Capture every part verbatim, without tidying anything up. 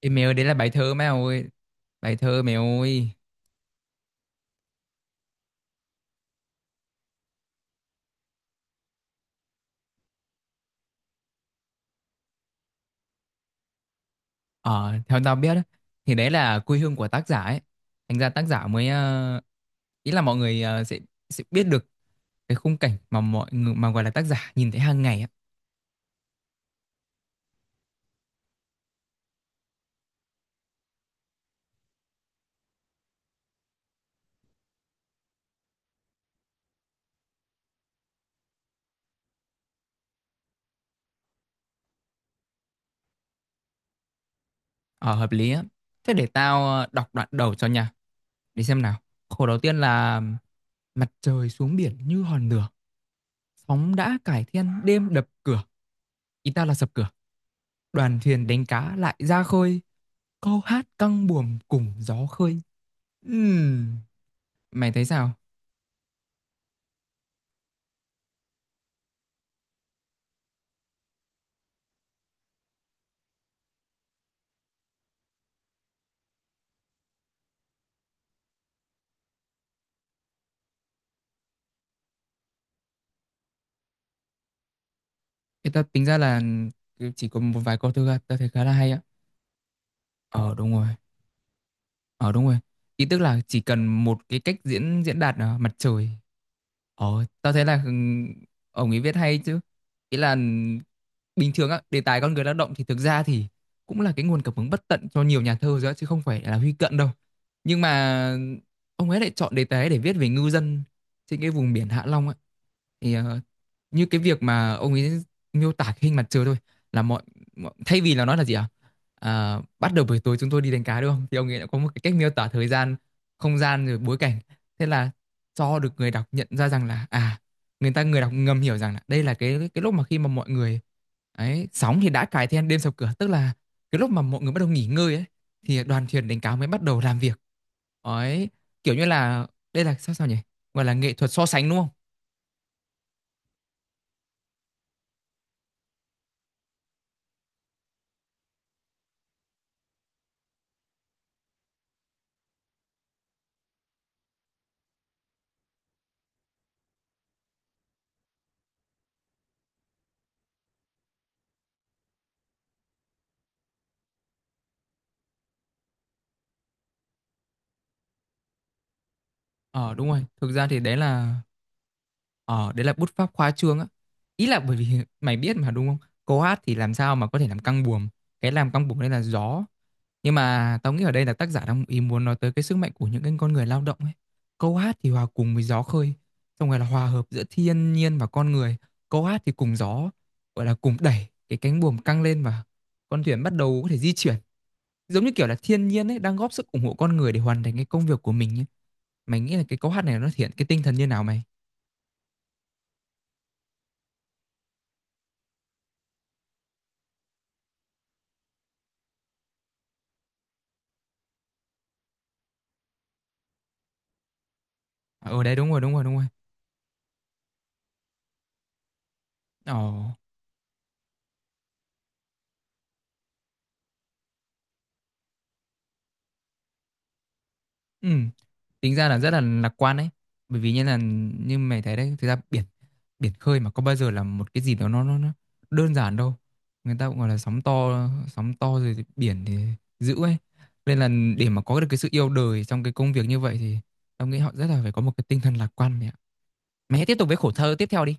Ê mèo, đấy là bài thơ mày ơi. Bài thơ mèo ơi. Ờ, theo tao biết á, thì đấy là quê hương của tác giả ấy. Thành ra tác giả mới ờ, ý là mọi người ờ, sẽ, sẽ biết được cái khung cảnh mà mọi người, mà gọi là tác giả nhìn thấy hàng ngày á. Ờ, hợp lý á. Thế để tao ờ, đọc đoạn đầu cho nha. Để xem nào. Khổ đầu tiên là: Mặt trời xuống biển như hòn lửa, sóng đã cải thiên đêm đập cửa. Ý tao là sập cửa. Đoàn thuyền đánh cá lại ra khơi, câu hát căng buồm cùng gió khơi. Ừm, Mày thấy sao? Thì tao tính ra là chỉ có một vài câu thơ ra, tao thấy khá là hay á. Ờ đúng rồi. Ờ đúng rồi. Ý tức là chỉ cần một cái cách diễn diễn đạt, à, mặt trời. Ồ, tao thấy là ừ, ông ấy viết hay chứ. Ý là bình thường á, đề tài con người lao động thì thực ra thì cũng là cái nguồn cảm hứng bất tận cho nhiều nhà thơ rồi á, chứ không phải là Huy Cận đâu. Nhưng mà ông ấy lại chọn đề tài để viết về ngư dân trên cái vùng biển Hạ Long á. Thì ờ, như cái việc mà ông ấy miêu tả cái hình mặt trời thôi, là mọi, mọi thay vì là nói là gì ạ? À, bắt đầu buổi tối chúng tôi đi đánh cá đúng không? Thì ông ấy đã có một cái cách miêu tả thời gian, không gian rồi bối cảnh. Thế là cho được người đọc nhận ra rằng là à, người ta người đọc ngầm hiểu rằng là đây là cái cái lúc mà khi mà mọi người ấy, sóng thì đã cài then đêm sập cửa, tức là cái lúc mà mọi người bắt đầu nghỉ ngơi ấy thì đoàn thuyền đánh cá mới bắt đầu làm việc ấy. Kiểu như là đây là sao sao nhỉ, gọi là nghệ thuật so sánh đúng không? Ờ đúng rồi, thực ra thì đấy là... Ờ, đấy là bút pháp khoa trương á. Ý là bởi vì mày biết mà đúng không? Câu hát thì làm sao mà có thể làm căng buồm. Cái làm căng buồm đây là gió. Nhưng mà tao nghĩ ở đây là tác giả đang ý muốn nói tới cái sức mạnh của những cái con người lao động ấy. Câu hát thì hòa cùng với gió khơi, xong rồi là hòa hợp giữa thiên nhiên và con người. Câu hát thì cùng gió, gọi là cùng đẩy cái cánh buồm căng lên và con thuyền bắt đầu có thể di chuyển. Giống như kiểu là thiên nhiên ấy đang góp sức ủng hộ con người để hoàn thành cái công việc của mình ấy. Mày nghĩ là cái câu hát này nó thể hiện cái tinh thần như nào mày? Ờ đấy đúng rồi, đúng rồi, đúng rồi. Ồ, ừ. Tính ra là rất là lạc quan đấy. Bởi vì như là như mày thấy đấy, thực ra biển biển khơi mà có bao giờ là một cái gì đó nó, nó, nó đơn giản đâu. Người ta cũng gọi là sóng to, sóng to rồi thì biển thì dữ ấy. Nên là để mà có được cái sự yêu đời trong cái công việc như vậy thì tao nghĩ họ rất là phải có một cái tinh thần lạc quan mẹ ạ. Mày hãy tiếp tục với khổ thơ tiếp theo đi.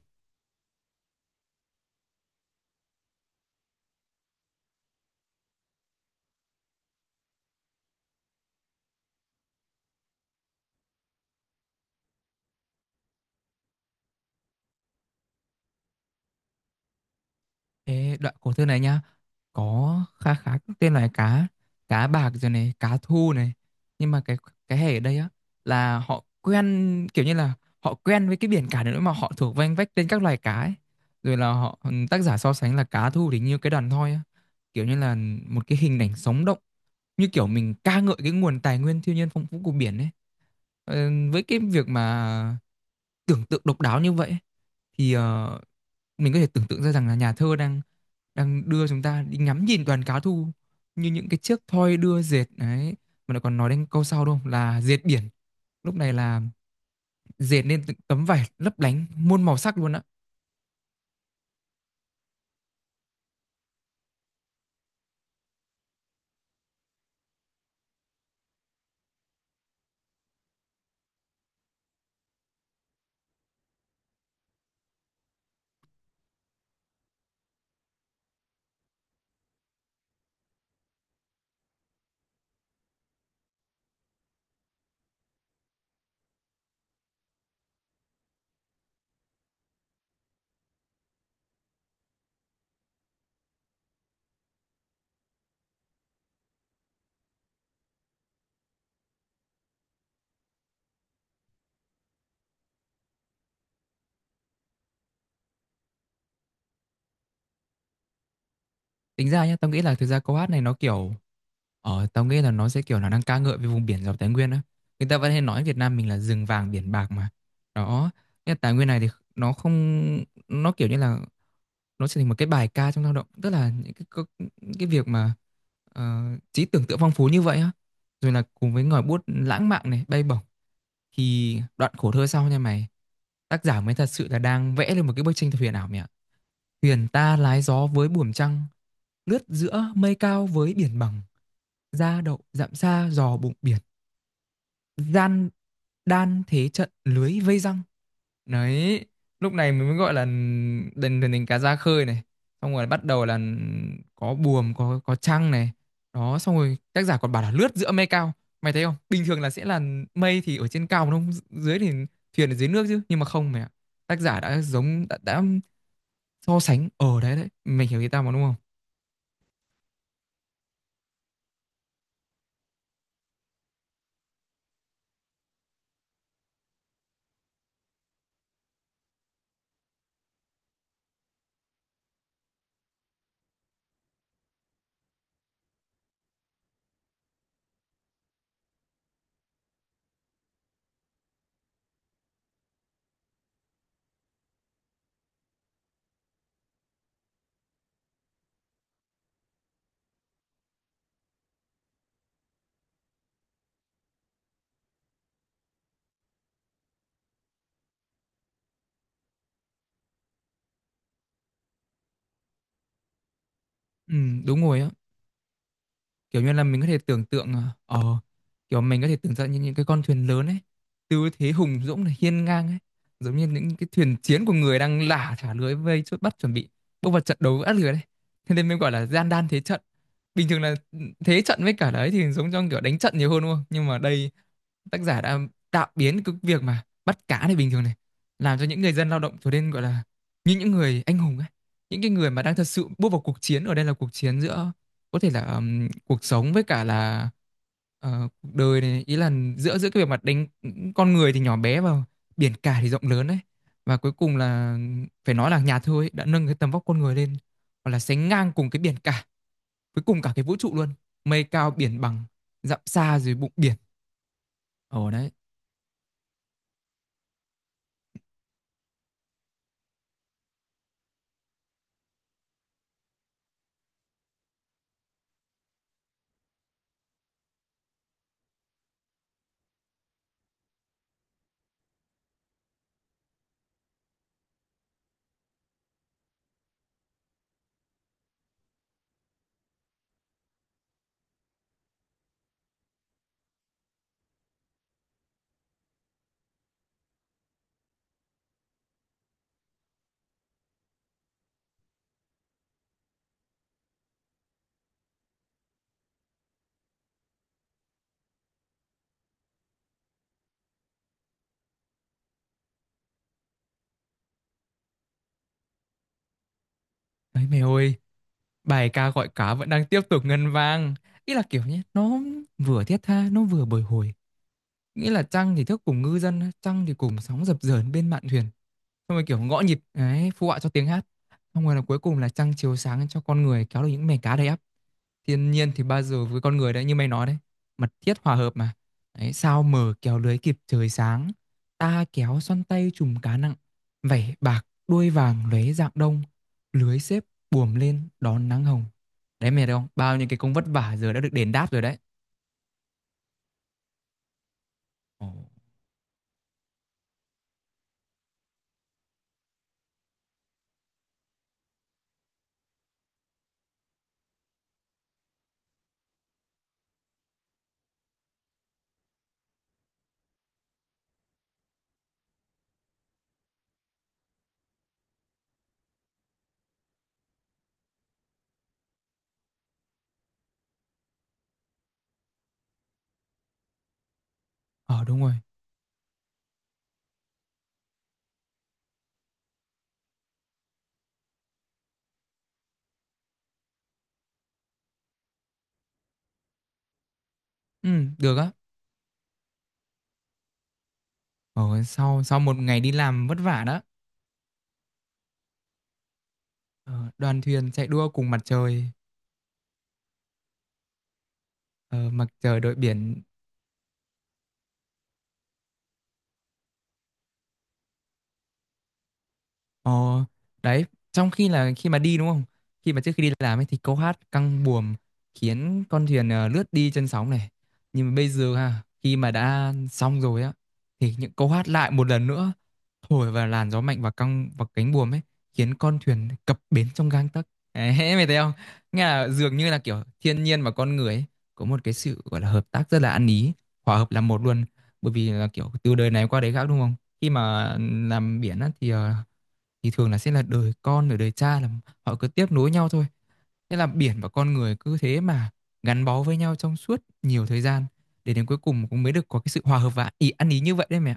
Ê, đoạn khổ thơ này nhá, có khá khá các tên loài cá, cá bạc rồi này, cá thu này. Nhưng mà cái cái hệ ở đây á là họ quen, kiểu như là họ quen với cái biển cả nữa mà họ thuộc vanh vách tên các loài cá ấy. Rồi là họ, ừ, tác giả so sánh là cá thu thì như cái đàn thoi á, kiểu như là một cái hình ảnh sống động, như kiểu mình ca ngợi cái nguồn tài nguyên thiên nhiên phong phú của biển ấy. Ờ, với cái việc mà tưởng tượng độc đáo như vậy thì ờ, mình có thể tưởng tượng ra rằng là nhà thơ đang, đang đưa chúng ta đi ngắm nhìn đoàn cá thu như những cái chiếc thoi đưa dệt đấy, mà lại còn nói đến câu sau đúng không, là dệt biển. Lúc này là dệt nên từng tấm vải lấp lánh muôn màu sắc luôn á. Tính ra nhá, tao nghĩ là thực ra câu hát này nó kiểu... Ờ, tao nghĩ là nó sẽ kiểu là đang ca ngợi về vùng biển giàu tài nguyên á. Người ta vẫn hay nói Việt Nam mình là rừng vàng biển bạc mà. Đó, cái tài nguyên này thì nó không, nó kiểu như là nó trở thành một cái bài ca trong lao động, tức là những cái, cái, cái việc mà ờ, trí tưởng tượng phong phú như vậy á. Rồi là cùng với ngòi bút lãng mạn này, bay bổng thì đoạn khổ thơ sau nha mày. Tác giả mới thật sự là đang vẽ lên một cái bức tranh thật huyền ảo mẹ ạ. Thuyền ta lái gió với buồm trăng, lướt giữa mây cao với biển bằng, ra đậu dặm xa giò bụng biển, gian đan thế trận lưới vây răng. Đấy, lúc này mình mới gọi là đền thuyền cá ra khơi này, xong rồi bắt đầu là có buồm, có có trăng này. Đó, xong rồi tác giả còn bảo là lướt giữa mây cao. Mày thấy không, bình thường là sẽ là mây thì ở trên cao mà không dưới, thì thuyền ở dưới nước chứ, nhưng mà không mày ạ, tác giả đã giống, đã, đã so sánh ở đấy đấy, mày hiểu ý tao mà đúng không? Ừ, đúng rồi á. Kiểu như là mình có thể tưởng tượng, ờ ờ, kiểu mình có thể tưởng tượng như những cái con thuyền lớn ấy, tư thế hùng dũng này, hiên ngang ấy, giống như những cái thuyền chiến của người đang lả thả lưới vây chốt bắt, chuẩn bị bước vào trận đấu với át lưới đấy. Thế nên mình gọi là gian đan thế trận. Bình thường là ừ, thế trận với cả đấy thì giống trong kiểu đánh trận nhiều hơn đúng không, nhưng mà đây tác giả đã tạo biến cái việc mà bắt cá này bình thường này, làm cho những người dân lao động trở nên gọi là như những người anh hùng ấy, những cái người mà đang thật sự bước vào cuộc chiến. Ở đây là cuộc chiến giữa, có thể là ừm, cuộc sống với cả là ờ, cuộc đời này. Ý là giữa giữa cái bề mặt đánh, con người thì nhỏ bé và biển cả thì rộng lớn đấy. Và cuối cùng là, phải nói là nhà thơ ấy đã nâng cái tầm vóc con người lên hoặc là sánh ngang cùng cái biển cả, với cùng cả cái vũ trụ luôn. Mây cao biển bằng, dặm xa dưới bụng biển. Ồ đấy. Đấy mày ơi, bài ca gọi cá vẫn đang tiếp tục ngân vang. Ý là kiểu nhé, nó vừa thiết tha, nó vừa bồi hồi. Nghĩa là trăng thì thức cùng ngư dân, trăng thì cùng sóng dập dờn bên mạn thuyền, xong rồi kiểu gõ nhịp đấy phụ họa cho tiếng hát, xong rồi là cuối cùng là trăng chiếu sáng cho con người kéo được những mẻ cá đầy ắp. Thiên nhiên thì bao giờ với con người đấy, như mày nói đấy, mật thiết hòa hợp mà. Đấy, sao mở kéo lưới kịp trời sáng, ta kéo xoăn tay chùm cá nặng, vảy bạc đuôi vàng lóe rạng đông, lưới xếp buồm lên đón nắng hồng. Đấy mày thấy không, bao nhiêu cái công vất vả giờ đã được đền đáp rồi đấy. Ồ. Ờ đúng rồi. Ừ, được á. ờ sau sau một ngày đi làm vất vả đó, ờ, đoàn thuyền chạy đua cùng mặt trời. Ờ, mặt trời đội biển. Ờ, đấy, trong khi là khi mà đi đúng không? Khi mà trước khi đi làm ấy thì câu hát căng buồm khiến con thuyền ờ, lướt đi trên sóng này. Nhưng mà bây giờ ha, khi mà đã xong rồi á thì những câu hát lại một lần nữa thổi vào làn gió mạnh và căng vào cánh buồm ấy, khiến con thuyền cập bến trong gang tấc. Đấy, mày thấy không? Nghe là dường như là kiểu thiên nhiên và con người ấy có một cái sự gọi là hợp tác rất là ăn ý, hòa hợp làm một luôn. Bởi vì là kiểu từ đời này qua đời khác đúng không? Khi mà ừ, làm biển á thì ờ, thì thường là sẽ là đời con rồi đời cha là họ cứ tiếp nối nhau thôi. Thế là biển và con người cứ thế mà gắn bó với nhau trong suốt nhiều thời gian, để đến cuối cùng cũng mới được có cái sự hòa hợp và ý ăn ý như vậy đấy mẹ.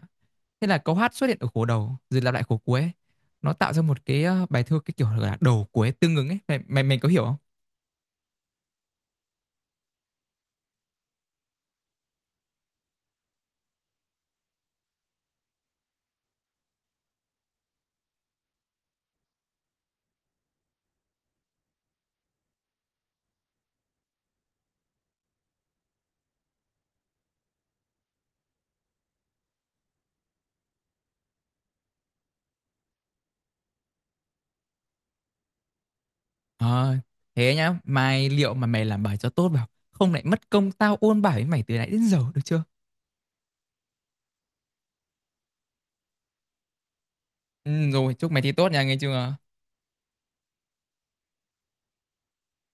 Thế là câu hát xuất hiện ở khổ đầu rồi lặp lại khổ cuối. Nó tạo ra một cái ờ, bài thơ cái kiểu là đầu cuối tương ứng ấy. Mày mày, mày có hiểu không? Ờ, thế nhá, mai liệu mà mày làm bài cho tốt vào, không lại mất công tao ôn bài với mày từ nãy đến giờ được chưa? Ừ, rồi, chúc mày thi tốt nha, nghe chưa?